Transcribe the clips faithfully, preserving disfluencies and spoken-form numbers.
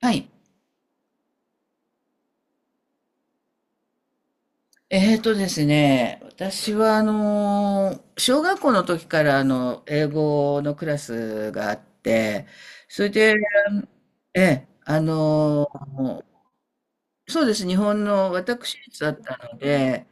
はい。えーとですね、私はあのー、小学校の時からあの、英語のクラスがあって、それで、ええ、あのー、そうです、日本の私立だったので、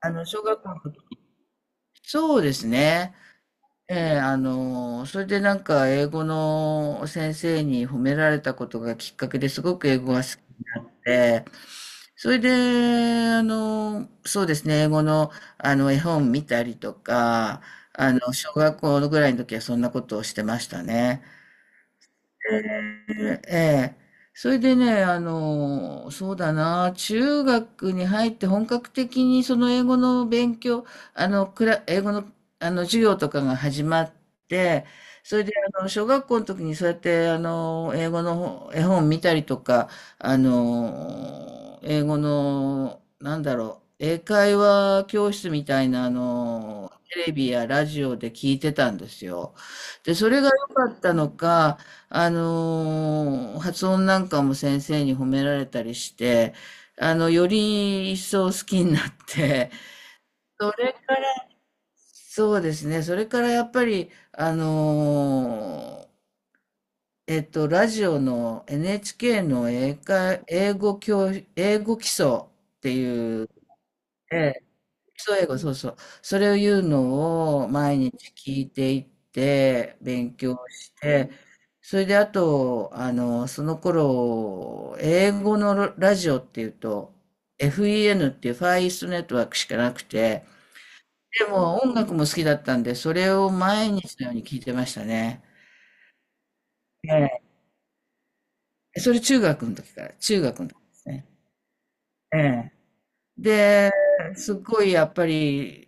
あの、小学校の時、そうですね、ええ、あのー、それでなんか英語の先生に褒められたことがきっかけですごく英語が好きで、それで、あの、そうですね、英語の、あの、絵本見たりとか、あの、小学校ぐらいの時はそんなことをしてましたね。ええ。それでね、あの、そうだな、中学に入って本格的にその英語の勉強、あの、クラ、英語の、あの、授業とかが始まって、それで、あの、小学校の時にそうやって、あの、英語の絵本見たりとか、あの、英語の、なんだろう、英会話教室みたいな、あの、テレビやラジオで聞いてたんですよ。で、それが良かったのか、あのー発音なんかも先生に褒められたりして、あの、より一層好きになって、それから、そうですね、それからやっぱり、あのーえっと、ラジオの エヌエイチケー の英会、英語教、英語基礎っていう、そう、英語、そうそう。それを言うのを毎日聞いていって、勉強して、それであと、あの、その頃、英語のララジオっていうと、エフイーエヌ っていうファーイーストネットワークしかなくて、でも音楽も好きだったんで、それを毎日のように聞いてましたね。ええ。それ中学の時から、中学の時ですね。ええ。で、すっごいやっぱり、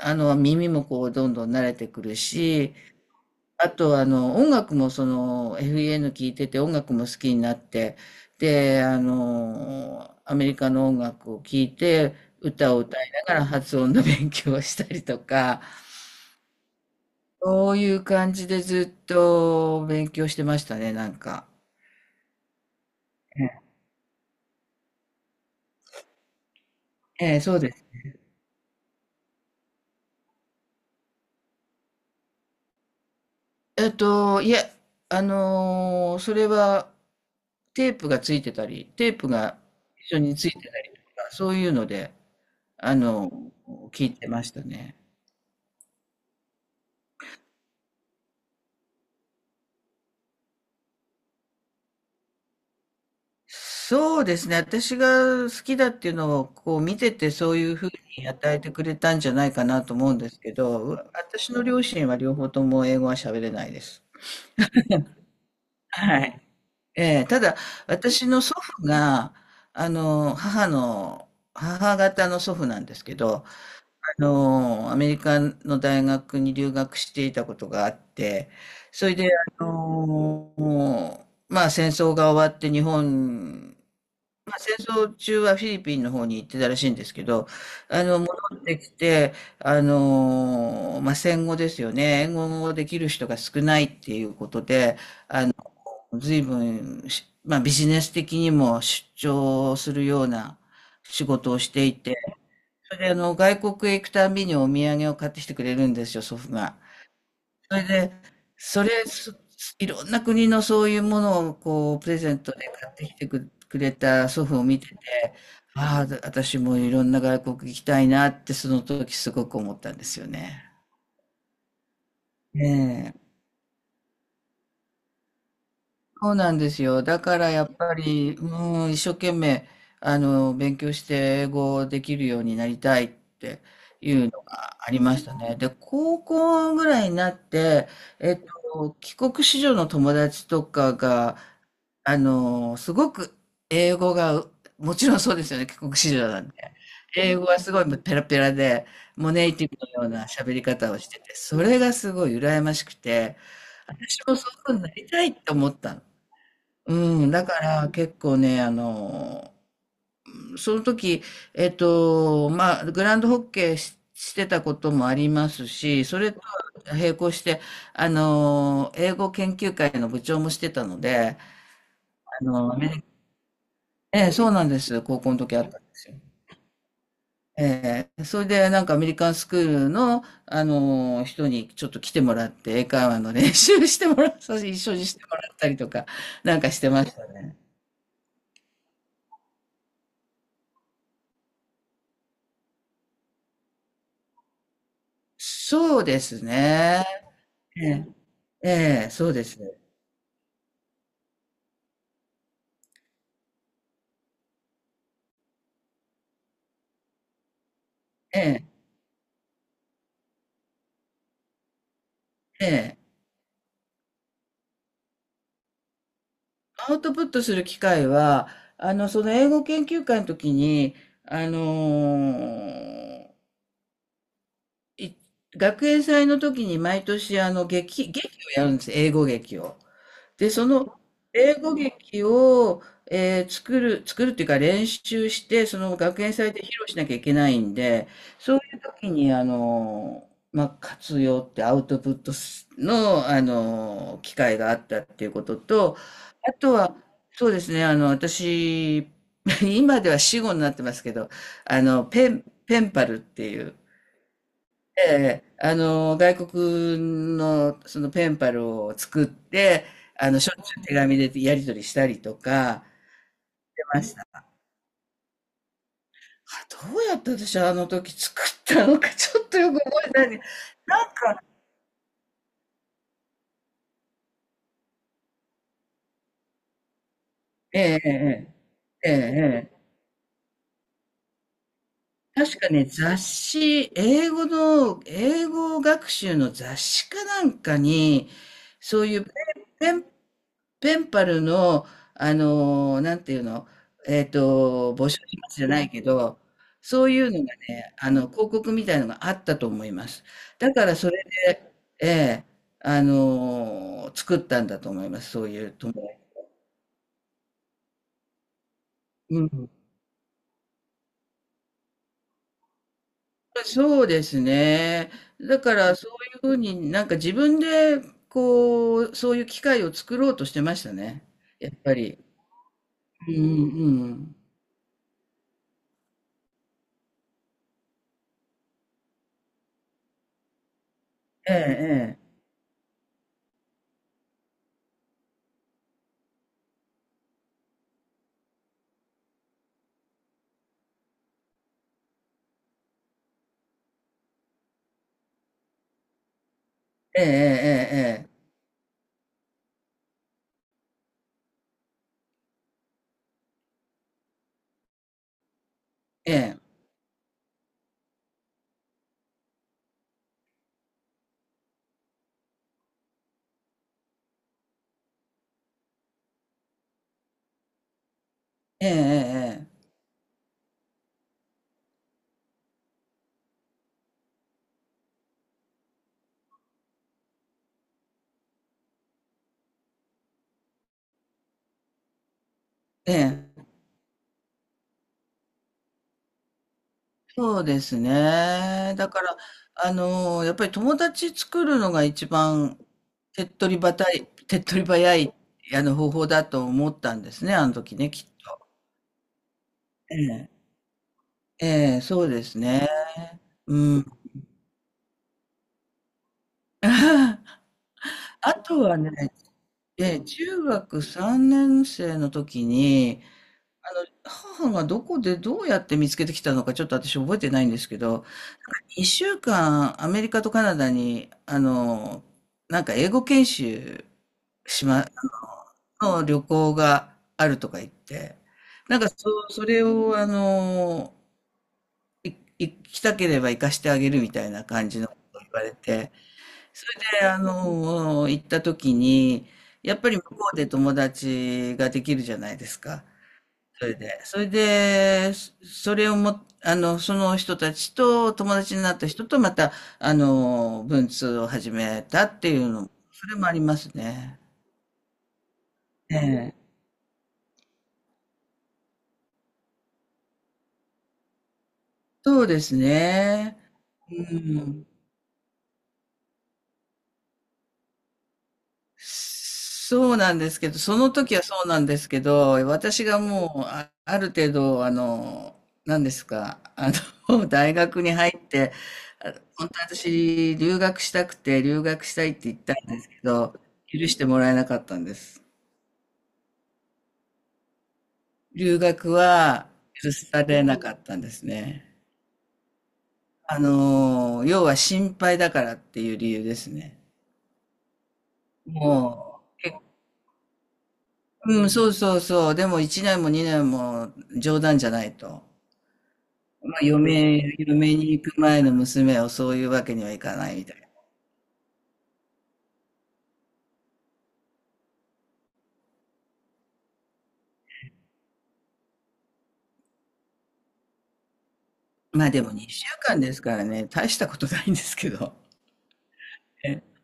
あの、耳もこう、どんどん慣れてくるし、あと、あの、音楽もその エフイーエヌ 聴いてて音楽も好きになって、で、あの、アメリカの音楽を聴いて歌を歌いながら発音の勉強をしたりとか、そういう感じでずっと勉強してましたね、なんか。ええ、ええそうです。えっと、いや、あの、それはテープがついてたり、テープが一緒についてたりとか、そういうので、あの、聞いてましたね。そうですね。私が好きだっていうのをこう見ててそういうふうに与えてくれたんじゃないかなと思うんですけど、う私の両親は両方とも英語は喋れないです。はい。ええ、ただ私の祖父が、あの、母の、母方の祖父なんですけど、あの、アメリカの大学に留学していたことがあって、それで、あの、もうまあ戦争が終わって日本まあ戦争中はフィリピンの方に行ってたらしいんですけど、あの、戻ってきて、あのーまあ、戦後ですよね。英語をできる人が少ないっていうことで、随分まあ、ビジネス的にも出張するような仕事をしていて、それであの、外国へ行くたびにお土産を買ってきてくれるんですよ、祖父が。それで、それ、そいろんな国のそういうものをこうプレゼントで買ってきてくくれた祖父を見てて、ああ、私もいろんな外国行きたいなってその時すごく思ったんですよね。ねえ、そうなんですよ。だからやっぱり、うん、一生懸命、あの、勉強して英語できるようになりたいっていうのがありましたね。で、高校ぐらいになって、えっと、帰国子女の友達とかが、あの、すごく英語がう、もちろんそうですよね、帰国子女なんで。英語はすごいもうペラペラで、もうネイティブのような喋り方をしてて、それがすごい羨ましくて、私もそういうふうになりたいって思ったの。うん、だから結構ね、あの、その時、えっと、まあ、グランドホッケーし、してたこともありますし、それと並行して、あの、英語研究会の部長もしてたので、あの、アメええ、そうなんです。高校の時あったんですよ。ええ、それでなんかアメリカンスクールの、あの、人にちょっと来てもらって、英会話の練習してもらった、一緒にしてもらったりとか、なんかしてましたね。そうですね。ええ、ええ、そうですね。ええ、ええ。アウトプットする機会は、あの、その英語研究会の時に、あの、い学園祭の時に毎年、あの、劇、劇をやるんです。英語劇を。で、その英語劇を、えー作る、作るっていうか練習して、その学園祭で披露しなきゃいけないんで、そういう時に、あの、まあ、活用ってアウトプットすの、あの、機会があったっていうことと、あとは、そうですね、あの、私、今では死語になってますけど、あの、ペン、ペンパルっていう、ええ、あの、外国のそのペンパルを作って、あの、しょっちゅう手紙でやり取りしたりとかしてました。あ、どうやって私あの時作ったのかちょっとよく覚えてないんで、なんかええええええ。ええええ。確かね、雑誌、英語の英語学習の雑誌かなんかに、そういうペンペンペンパルの、あの、なんていうの、えっと、募集しますじゃないけど、そういうのがね、あの、広告みたいのがあったと思います。だからそれで、ええ、あの、作ったんだと思います、そういうとも。うん。そうですね。だからそういうふうになんか自分で、こう、そういう機会を作ろうとしてましたね。やっぱり。うんうんうん。ええ、ええ、ええ、ええ、ええ。えええええええええ。ええ。そうですね。だから、あの、やっぱり友達作るのが一番手っ取り早い手っ取り早い、あの、方法だと思ったんですね、あの時ね、きっと。ええ。ええ、そうですね。うん。あとはね、ええ、中学さんねん生の時に、あの、母がどこでどうやって見つけてきたのかちょっと私覚えてないんですけど、いっしゅうかん、アメリカとカナダに、あの、なんか英語研修しま、の旅行があるとか言って、なんかそう、それを、あの、い行きたければ行かしてあげるみたいな感じのことを言われて、それで、あの、行った時に、やっぱり向こうで友達ができるじゃないですか。それで、それで、それをも、あの、その人たちと、友達になった人と、また、あの、文通を始めたっていうのそれもありますね。ええ。そうですね。うん。そうなんですけど、その時はそうなんですけど、私がもう、あ、ある程度、あの、何ですか、あの、大学に入って、あ本当は私、留学したくて、留学したいって言ったんですけど、許してもらえなかったんです。留学は許されなかったんですね。あの、要は心配だからっていう理由ですね。もう、結うん、そうそうそう。でもいちねんもにねんも冗談じゃないと。まあ、嫁、嫁に行く前の娘をそういうわけにはいかないみたいな。まあでもにしゅうかんですからね、大したことないんですけど。え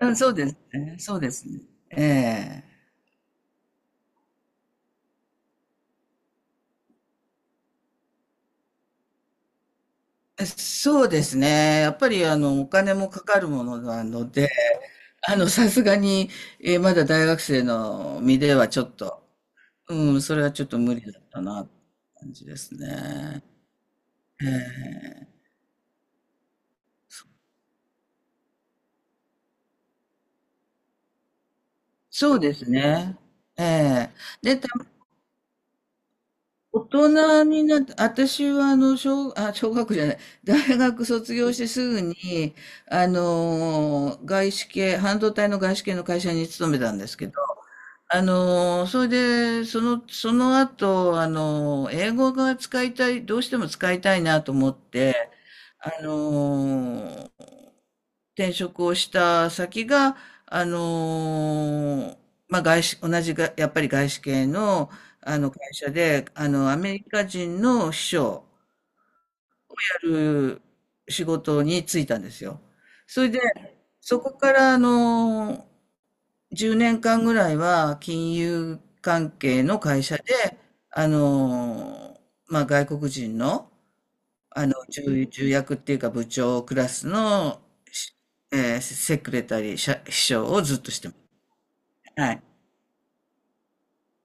うん、そうですね。そうですね。ええ。そうですね。やっぱりあの、お金もかかるものなので、あの、さすがに、えーまだ大学生の身ではちょっと、うん、それはちょっと無理だったな、って感じですね。ええ。そうですね。ええ。で、大人になって、私はあの、小、あ、小学じゃない、大学卒業してすぐに、あのー、外資系、半導体の外資系の会社に勤めたんですけど、あのー、それで、その、その後、あのー、英語が使いたい、どうしても使いたいなと思って、あのー、転職をした先が、あのーまあ、外資、同じが、やっぱり外資系の、あの会社で、あの、アメリカ人の秘書をやる仕事に就いたんですよ。それで、そこから、あのーじゅうねんかんぐらいは金融関係の会社で、あのーまあ、外国人の、あの、重、重役っていうか部長クラスのし、えーセクレタリー、社秘書をずっとしてます。はい。